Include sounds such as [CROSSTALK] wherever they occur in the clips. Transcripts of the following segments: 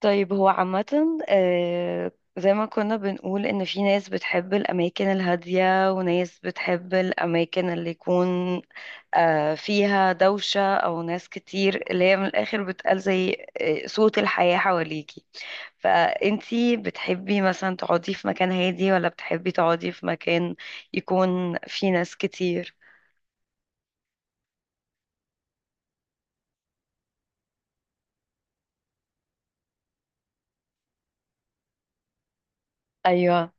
طيب، هو عامة زي ما كنا بنقول إن في ناس بتحب الأماكن الهادية وناس بتحب الأماكن اللي يكون فيها دوشة، أو ناس كتير اللي هي من الآخر بتقال زي صوت الحياة حواليكي. فأنتي بتحبي مثلا تقعدي في مكان هادي، ولا بتحبي تقعدي في مكان يكون فيه ناس كتير؟ أيوة.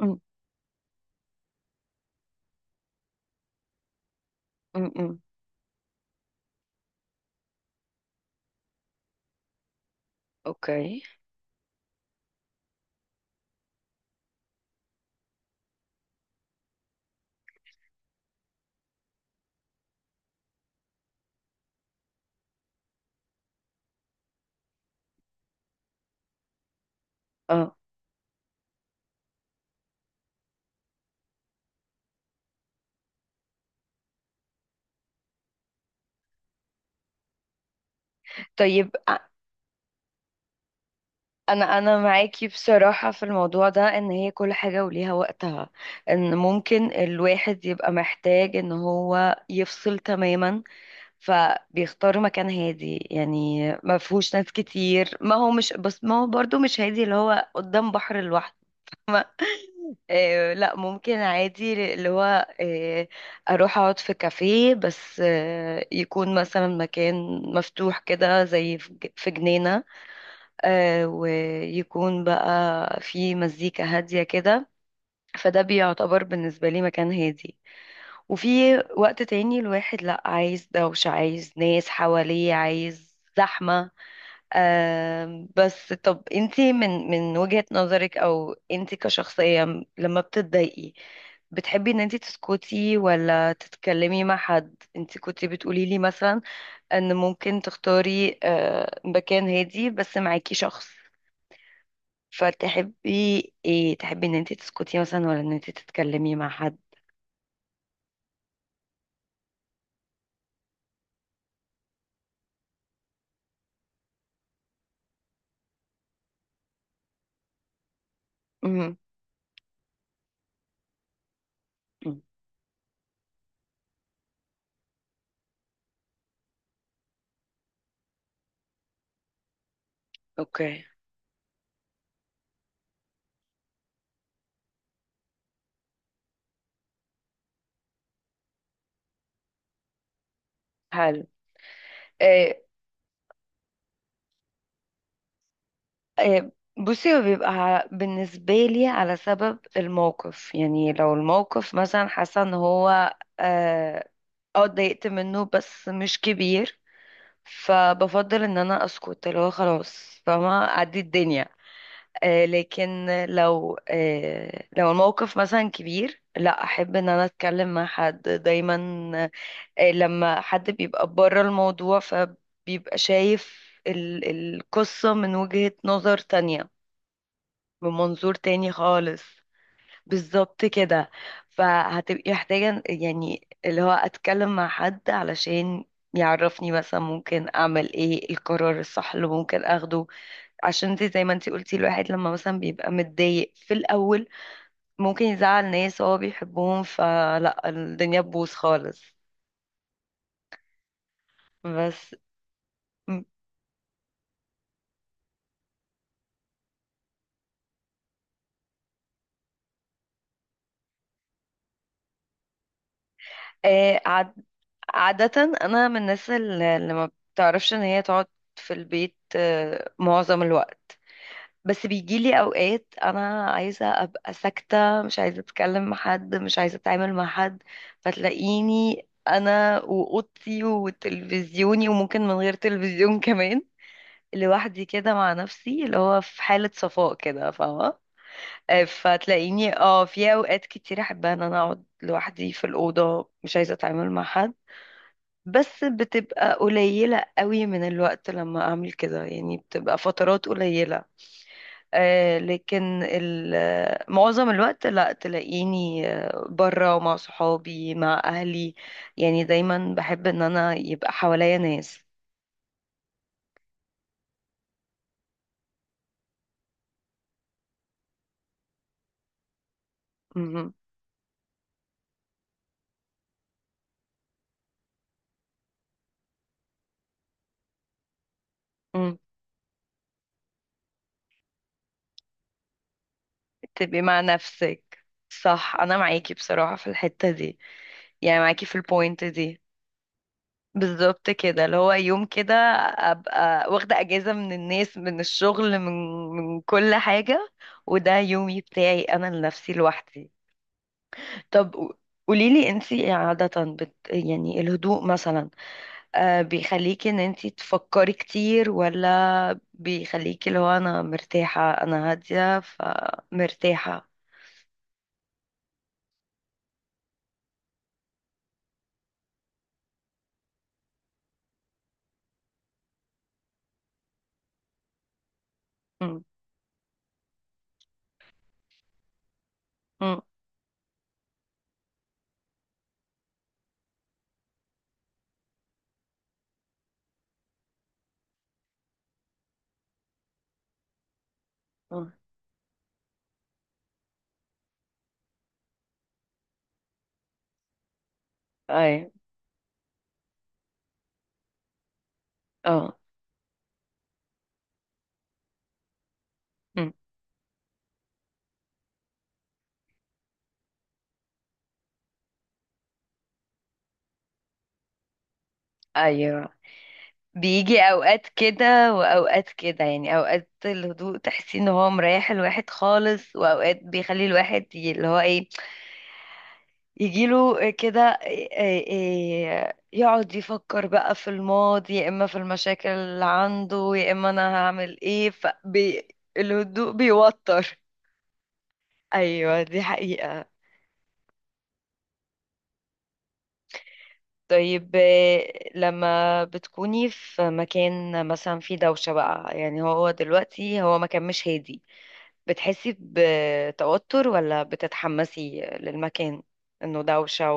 م -م. أوكي. اه، طيب انا معاكي بصراحة في الموضوع ده، ان هي كل حاجة وليها وقتها، ان ممكن الواحد يبقى محتاج ان هو يفصل تماما، فبيختار مكان هادي يعني ما فيهوش ناس كتير. ما هو مش بس، ما هو برضو مش هادي اللي هو قدام بحر لوحده. لا، ممكن عادي اللي هو، آه اروح اقعد في كافيه، بس يكون مثلا مكان مفتوح كده، زي في في جنينة، ويكون بقى في مزيكا هادية كده، فده بيعتبر بالنسبة لي مكان هادي. وفي وقت تاني الواحد لأ، عايز دوشة، عايز ناس حواليه، عايز زحمة. بس طب انتي، من وجهة نظرك، او انتي كشخصية لما بتتضايقي، بتحبي ان انتي تسكتي ولا تتكلمي مع حد؟ انتي كنتي بتقولي لي مثلا ان ممكن تختاري مكان هادي بس معاكي شخص، فتحبي ايه؟ تحبي ان انت تسكتي مثلا ولا ان انت تتكلمي مع حد؟ مهم. مم. اوكي. حلو. إيه، إيه، بصي، هو بيبقى بالنسبة لي على سبب الموقف. يعني لو الموقف مثلا حاسة ان هو اتضايقت منه بس مش كبير، فبفضل ان انا اسكت اللي هو خلاص، فما اعدي الدنيا. لكن لو الموقف مثلا كبير، لا، احب ان انا اتكلم مع حد دايما. لما حد بيبقى بره الموضوع فبيبقى شايف القصة من وجهة نظر تانية، من منظور تاني خالص. بالظبط كده. فهتبقي محتاجة يعني اللي هو أتكلم مع حد علشان يعرفني مثلا ممكن أعمل إيه، القرار الصح اللي ممكن أخده. عشان انت زي ما انت قلتي، الواحد لما مثلا بيبقى متضايق في الأول ممكن يزعل ناس هو بيحبهم، فلا الدنيا تبوظ خالص. بس. آه، عاد عادة أنا من الناس اللي ما بتعرفش إن هي تقعد في البيت معظم الوقت. بس بيجيلي أوقات أنا عايزة أبقى ساكتة، مش عايزة أتكلم مع حد، مش عايزة أتعامل مع حد، فتلاقيني أنا وأوضتي وتلفزيوني، وممكن من غير تلفزيون [LAUGHS] كمان، لوحدي كده مع نفسي اللي هو في حالة صفاء كده، فاهمة؟ فتلاقيني في أوقات كتير أحبها إن أنا أقعد لوحدي في الأوضة، مش عايزة أتعامل مع حد. بس بتبقى قليلة قوي من الوقت لما أعمل كده، يعني بتبقى فترات قليلة. لكن معظم الوقت لا، تلاقيني برا، ومع صحابي، مع أهلي، يعني دايما بحب إن أنا يبقى حواليا ناس. مهم. مم. تبقي مع نفسك، صح، أنا معاكي بصراحة في الحتة دي، يعني معاكي في البوينت دي. بالظبط كده، اللي هو يوم كده ابقى واخده اجازه من الناس، من الشغل، من كل حاجه، وده يومي بتاعي انا لنفسي لوحدي. طب قوليلي، انتي عاده يعني الهدوء مثلا بيخليكي ان انتي تفكري كتير، ولا بيخليكي اللي هو انا مرتاحه، انا هاديه فمرتاحه؟ امم امم اي اه مم. ايوه، بيجي اوقات كده واوقات كده، يعني اوقات الهدوء تحسي ان هو مريح الواحد خالص، واوقات بيخلي الواحد اللي هو ايه، يجيله كده يقعد يفكر بقى في الماضي، يا اما في المشاكل اللي عنده، يا اما انا هعمل ايه فبي. الهدوء بيوتر. ايوه، دي حقيقة. طيب إيه، لما بتكوني في مكان مثلا فيه دوشة بقى، يعني هو دلوقتي هو مكان مش هادي، بتحسي بتوتر ولا بتتحمسي للمكان انه دوشة،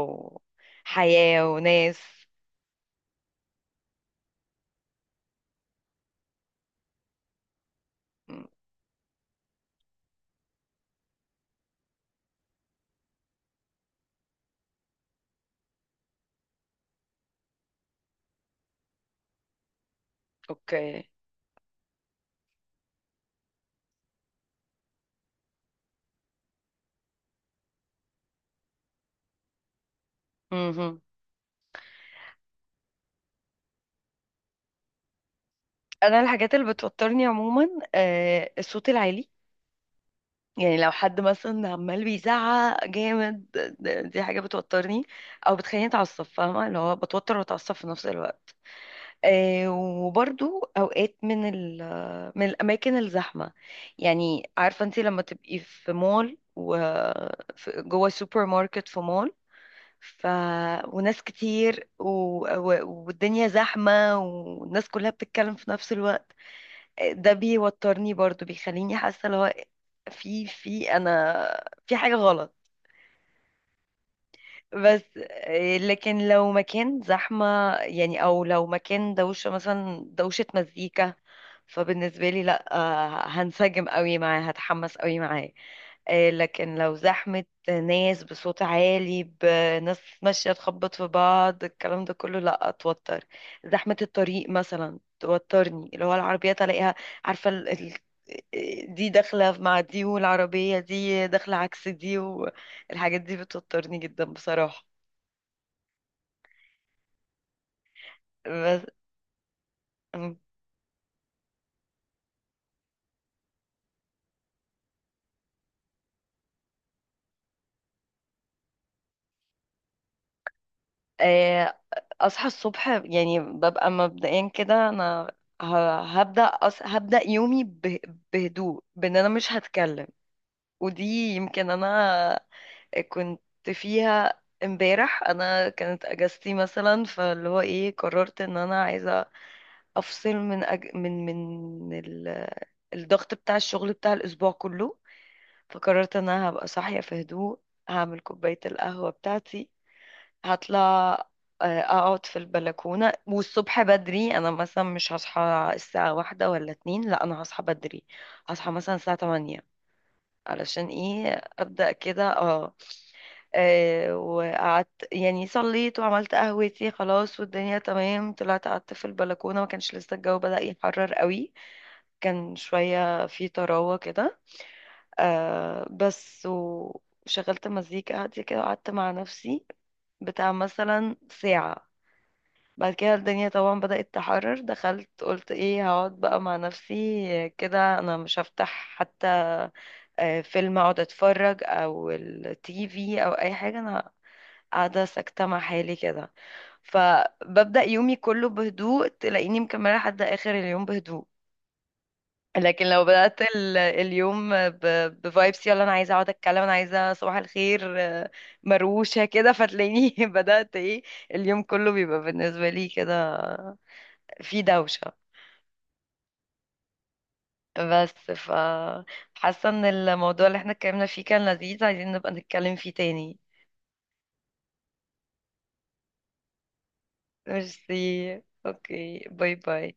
وحياة، وناس؟ مم. اوكي. مهم. انا الحاجات اللي بتوترني عموما الصوت العالي، يعني لو حد مثلا عمال بيزعق جامد، دي حاجة بتوترني، او بتخليني اتعصب، فاهمة اللي هو بتوتر واتعصب في نفس الوقت. وبرضو اوقات من الاماكن الزحمه. يعني عارفه انت لما تبقي في مول و جوه سوبر ماركت في مول، ف وناس كتير والدنيا زحمه، والناس كلها بتتكلم في نفس الوقت، ده بيوترني برضو، بيخليني حاسه اللي هو في انا في حاجه غلط. بس. لكن لو مكان زحمة، يعني، أو لو مكان دوشة مثلا، دوشة مزيكا، فبالنسبة لي لأ، هنسجم قوي معاه، هتحمس قوي معاه. لكن لو زحمة ناس بصوت عالي، بناس ماشية تخبط في بعض، الكلام ده كله لأ، أتوتر. زحمة الطريق مثلا توترني، اللي هو العربيات ألاقيها، عارفة دي داخلة مع دي، والعربية دي داخلة عكس دي، الحاجات دي بتوترني جدا بصراحة. بس. أم. آه، أصحى الصبح، يعني ببقى مبدئيا كده أنا هبدأ هبدأ يومي بهدوء، بأن أنا مش هتكلم. ودي يمكن أنا كنت فيها امبارح، أنا كانت أجازتي مثلا، فاللي هو إيه، قررت إن أنا عايزة أفصل من الضغط بتاع الشغل، بتاع الأسبوع كله. فقررت ان انا هبقى صاحية في هدوء، هعمل كوباية القهوة بتاعتي، هطلع اقعد في البلكونة. والصبح بدري، انا مثلا مش هصحى الساعة 1 ولا 2، لا، انا هصحى بدري، هصحى مثلا الساعة 8، علشان ايه، ابدأ كده. وقعدت يعني، صليت وعملت قهوتي، خلاص والدنيا تمام، طلعت قعدت في البلكونة، ما كانش لسه الجو بدأ يحرر قوي، كان شوية في طراوة كده، بس وشغلت مزيكا هادية كده، وقعدت مع نفسي بتاع مثلا ساعة. بعد كده الدنيا طبعا بدأت تحرر، دخلت، قلت ايه، هقعد بقى مع نفسي كده، انا مش هفتح حتى فيلم اقعد اتفرج، او التي في، او اي حاجة، انا قاعدة ساكتة مع حالي كده. فببدأ يومي كله بهدوء، تلاقيني مكملة لحد آخر اليوم بهدوء. لكن لو بدأت اليوم بفايبس، يلا انا عايزه اقعد اتكلم، انا عايزه صباح الخير، مروشه كده، فتلاقيني [LAUGHS] بدأت ايه، اليوم كله بيبقى بالنسبه لي كده في دوشه. بس، حاسه ان الموضوع اللي احنا اتكلمنا فيه كان لذيذ، عايزين نبقى نتكلم فيه تاني. ميرسي، اوكي، باي باي.